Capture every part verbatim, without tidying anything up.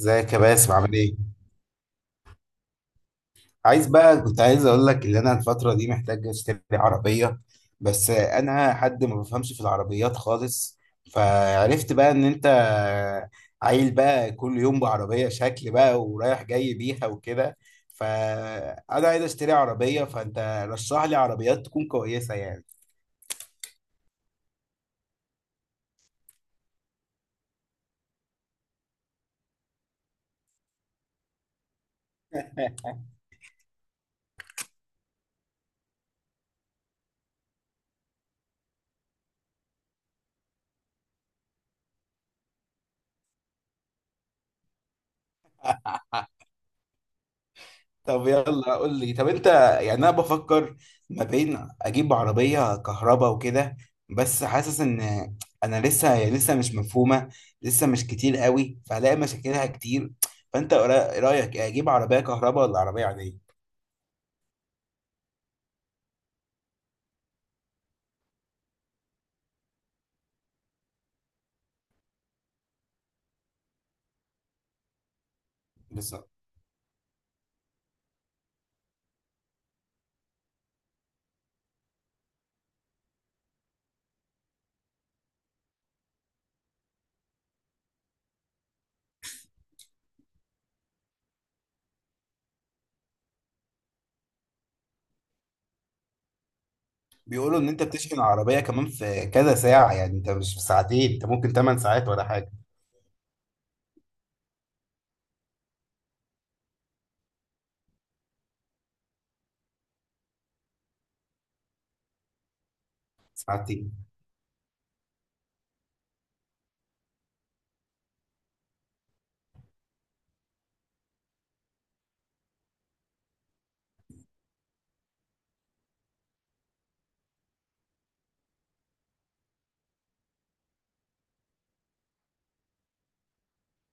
ازيك يا باسم، عامل ايه؟ عايز بقى، كنت عايز اقول لك ان انا الفترة دي محتاج اشتري عربية. بس انا حد ما بفهمش في العربيات خالص، فعرفت بقى ان انت عيل بقى كل يوم بعربية شكل بقى ورايح جاي بيها وكده. فانا عايز اشتري عربية، فانت رشح لي عربيات تكون كويسة يعني. طب يلا قول لي. طب انت، يعني انا بفكر ما بين اجيب عربيه كهرباء وكده، بس حاسس ان انا لسه هي لسه مش مفهومه، لسه مش كتير قوي فهلاقي مشاكلها كتير. فانت رأ- رايك ايه، اجيب عربيه كهرباء ولا عربيه عاديه؟ بالظبط. بيقولوا ان انت بتشحن العربيه كمان في كذا ساعه، يعني انت مش في ساعتين، انت ممكن تمن ساعات ولا حاجه. ساعتين.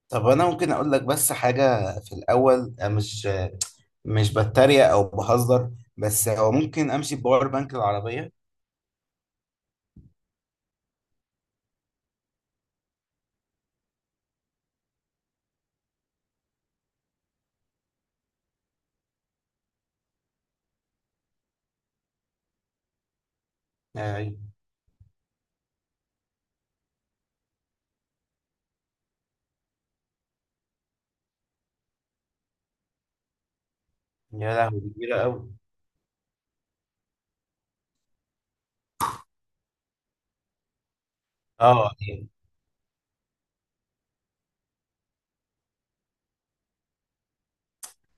طب انا ممكن اقول لك بس حاجه في الاول، مش مش بتريق او بهزر، بس هو ممكن امشي بباور بانك العربيه. آه. يا لهوي دي كبيره قوي. اه يعني،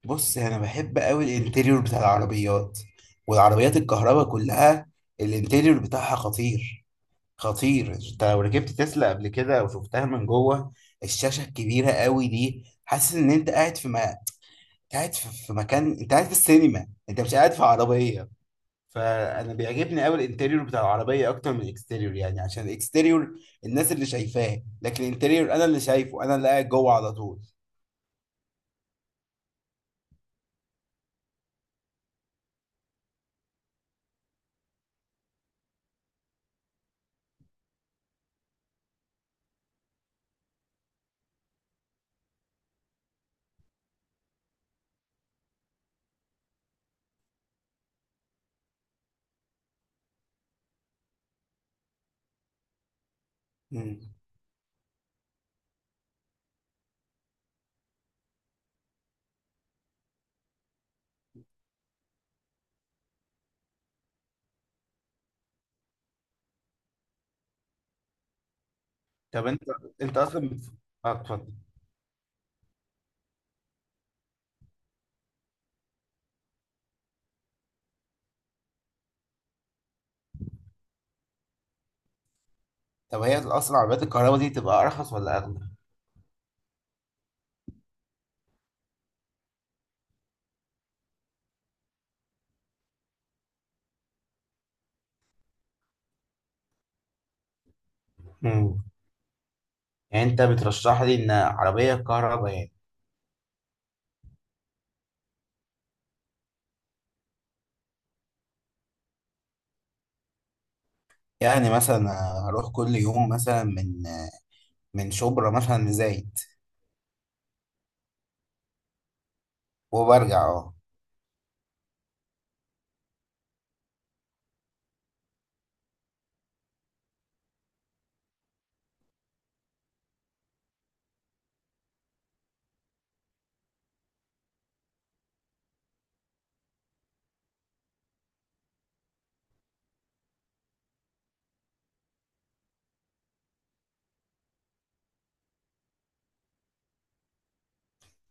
بص انا بحب قوي الانتيريور بتاع العربيات، والعربيات الكهرباء كلها الانتيريور بتاعها خطير. خطير، انت لو ركبت تسلا قبل كده وشفتها من جوه، الشاشه الكبيره قوي دي، حاسس ان انت قاعد في ما قاعد في في مكان، انت قاعد في السينما، انت مش قاعد في عربيه. فانا بيعجبني قوي الانتريور بتاع العربيه اكتر من الاكستيريور، يعني عشان الاكستيريور الناس اللي شايفاه، لكن الانتريور انا اللي شايفه، انا اللي قاعد جوه على طول. مم. طب انت، انت اصلا بت... اه اتفضل. طب هي اصلا عربيات الكهرباء دي تبقى ارخص ولا اغلى؟ مم. يعني انت بترشح لي ان عربيه كهرباء يعني؟ يعني مثلا هروح كل يوم مثلا من من شبرا مثلا لزايد، وبرجع اه.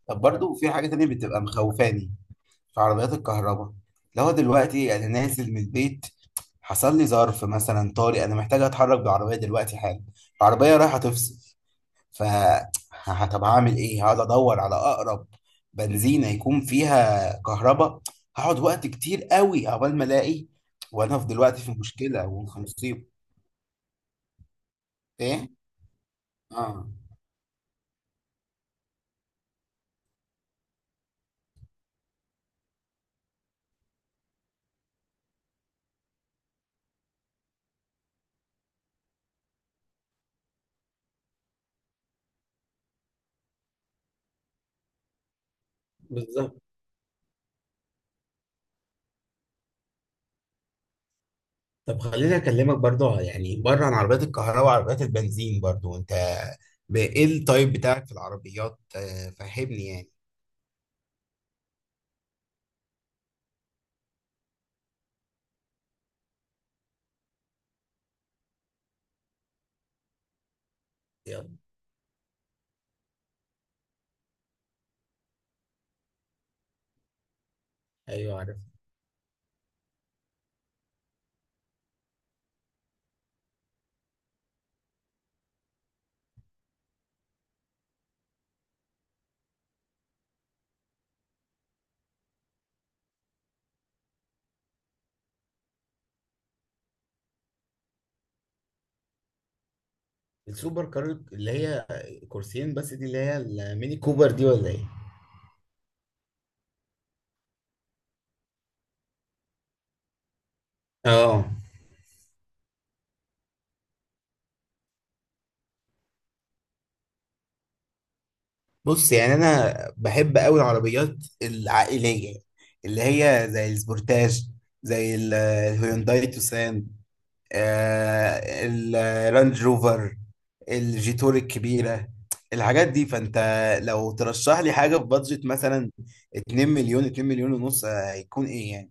طب برضو في حاجه تانية بتبقى مخوفاني في عربيات الكهرباء. لو دلوقتي انا نازل من البيت، حصل لي ظرف مثلا طارئ، انا محتاج اتحرك بالعربيه دلوقتي حالا، العربيه رايحه تفصل. ف ه- طب هعمل ايه؟ هقعد ادور على اقرب بنزينه يكون فيها كهرباء، هقعد وقت كتير قوي عقبال ما الاقي، وانا في دلوقتي في مشكله وفي مصيبه. ايه. اه. بالظبط. طب خليني اكلمك برضو يعني بره عن عربيات الكهرباء وعربيات البنزين. برضو انت، ب- ايه التايب بتاعك في العربيات؟ آه، فهمني يعني. يلا. ايوه عارف. السوبر كار اللي هي كرسيين بس، دي اللي هي الميني كوبر دي ولا ايه؟ اه. بص يعني انا بحب قوي العربيات العائليه، اللي هي زي السبورتاج، زي ال- الهيونداي توسان، آه، الرانج روفر، الجيتور الكبيرة، الحاجات دي. فانت لو ترشح لي حاجة في بادجت مثلا اتنين مليون مليون، اتنين مليون مليون ونص، آه، هيكون ايه يعني؟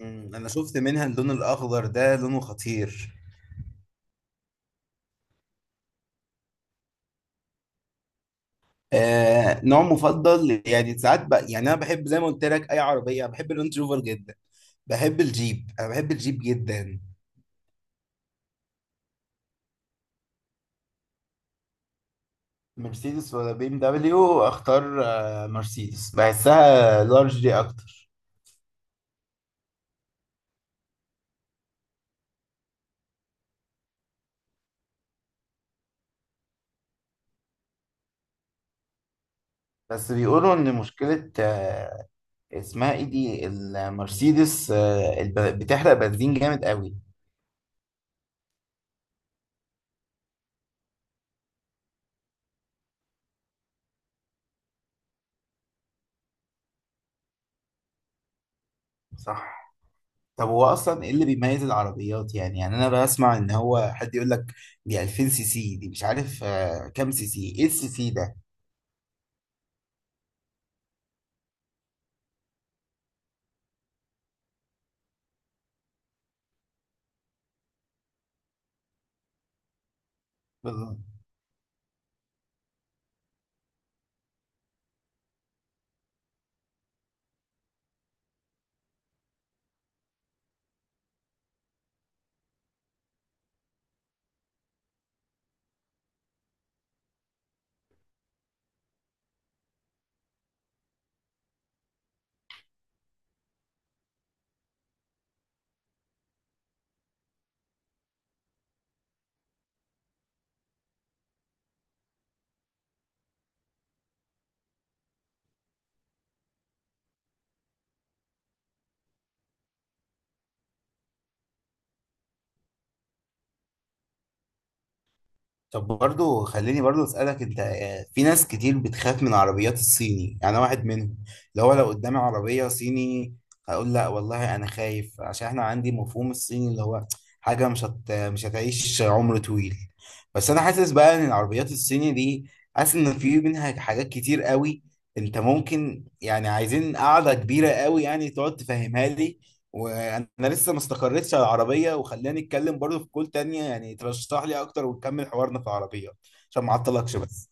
مم، انا شفت منها اللون الاخضر ده لونه خطير. آه، نوع مفضل يعني؟ ساعات بقى، يعني انا بحب زي ما قلت لك اي عربية. بحب الرانج روفر جدا. بحب الجيب، انا بحب الجيب جدا. مرسيدس ولا بي ام دبليو؟ اختار آه، مرسيدس، بحسها لارج دي اكتر. بس بيقولوا ان مشكلة آه، اسمها ايه دي، المرسيدس، آه، الب- بتحرق بنزين جامد قوي. صح. طب هو اصلا ايه اللي بيميز العربيات يعني يعني انا بسمع ان هو حد يقول لك دي ألفين سي سي، دي مش عارف آه، كام سي سي. ايه السي سي ده؟ طب برضو خليني برضو اسالك انت، آه، في ناس كتير بتخاف من عربيات الصيني، يعني انا واحد منهم. اللي هو لو قدامي عربيه صيني هقول لا والله، انا خايف عشان احنا عندي مفهوم الصيني اللي هو حاجه مش هت... مش هتعيش عمر طويل. بس انا حاسس بقى ان العربيات الصيني دي، حاسس ان في منها حاجات كتير قوي. انت ممكن يعني، عايزين قاعده كبيره قوي يعني تقعد تفهمها لي، وانا لسه ما استقريتش على العربيه، وخلاني اتكلم برضه في كول تانية يعني ترشح لي اكتر، ونكمل حوارنا في العربيه. عشان ما اعطلكش بس.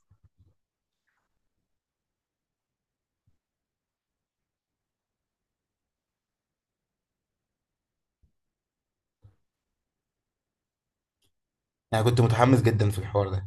انا كنت متحمس جدا في الحوار ده.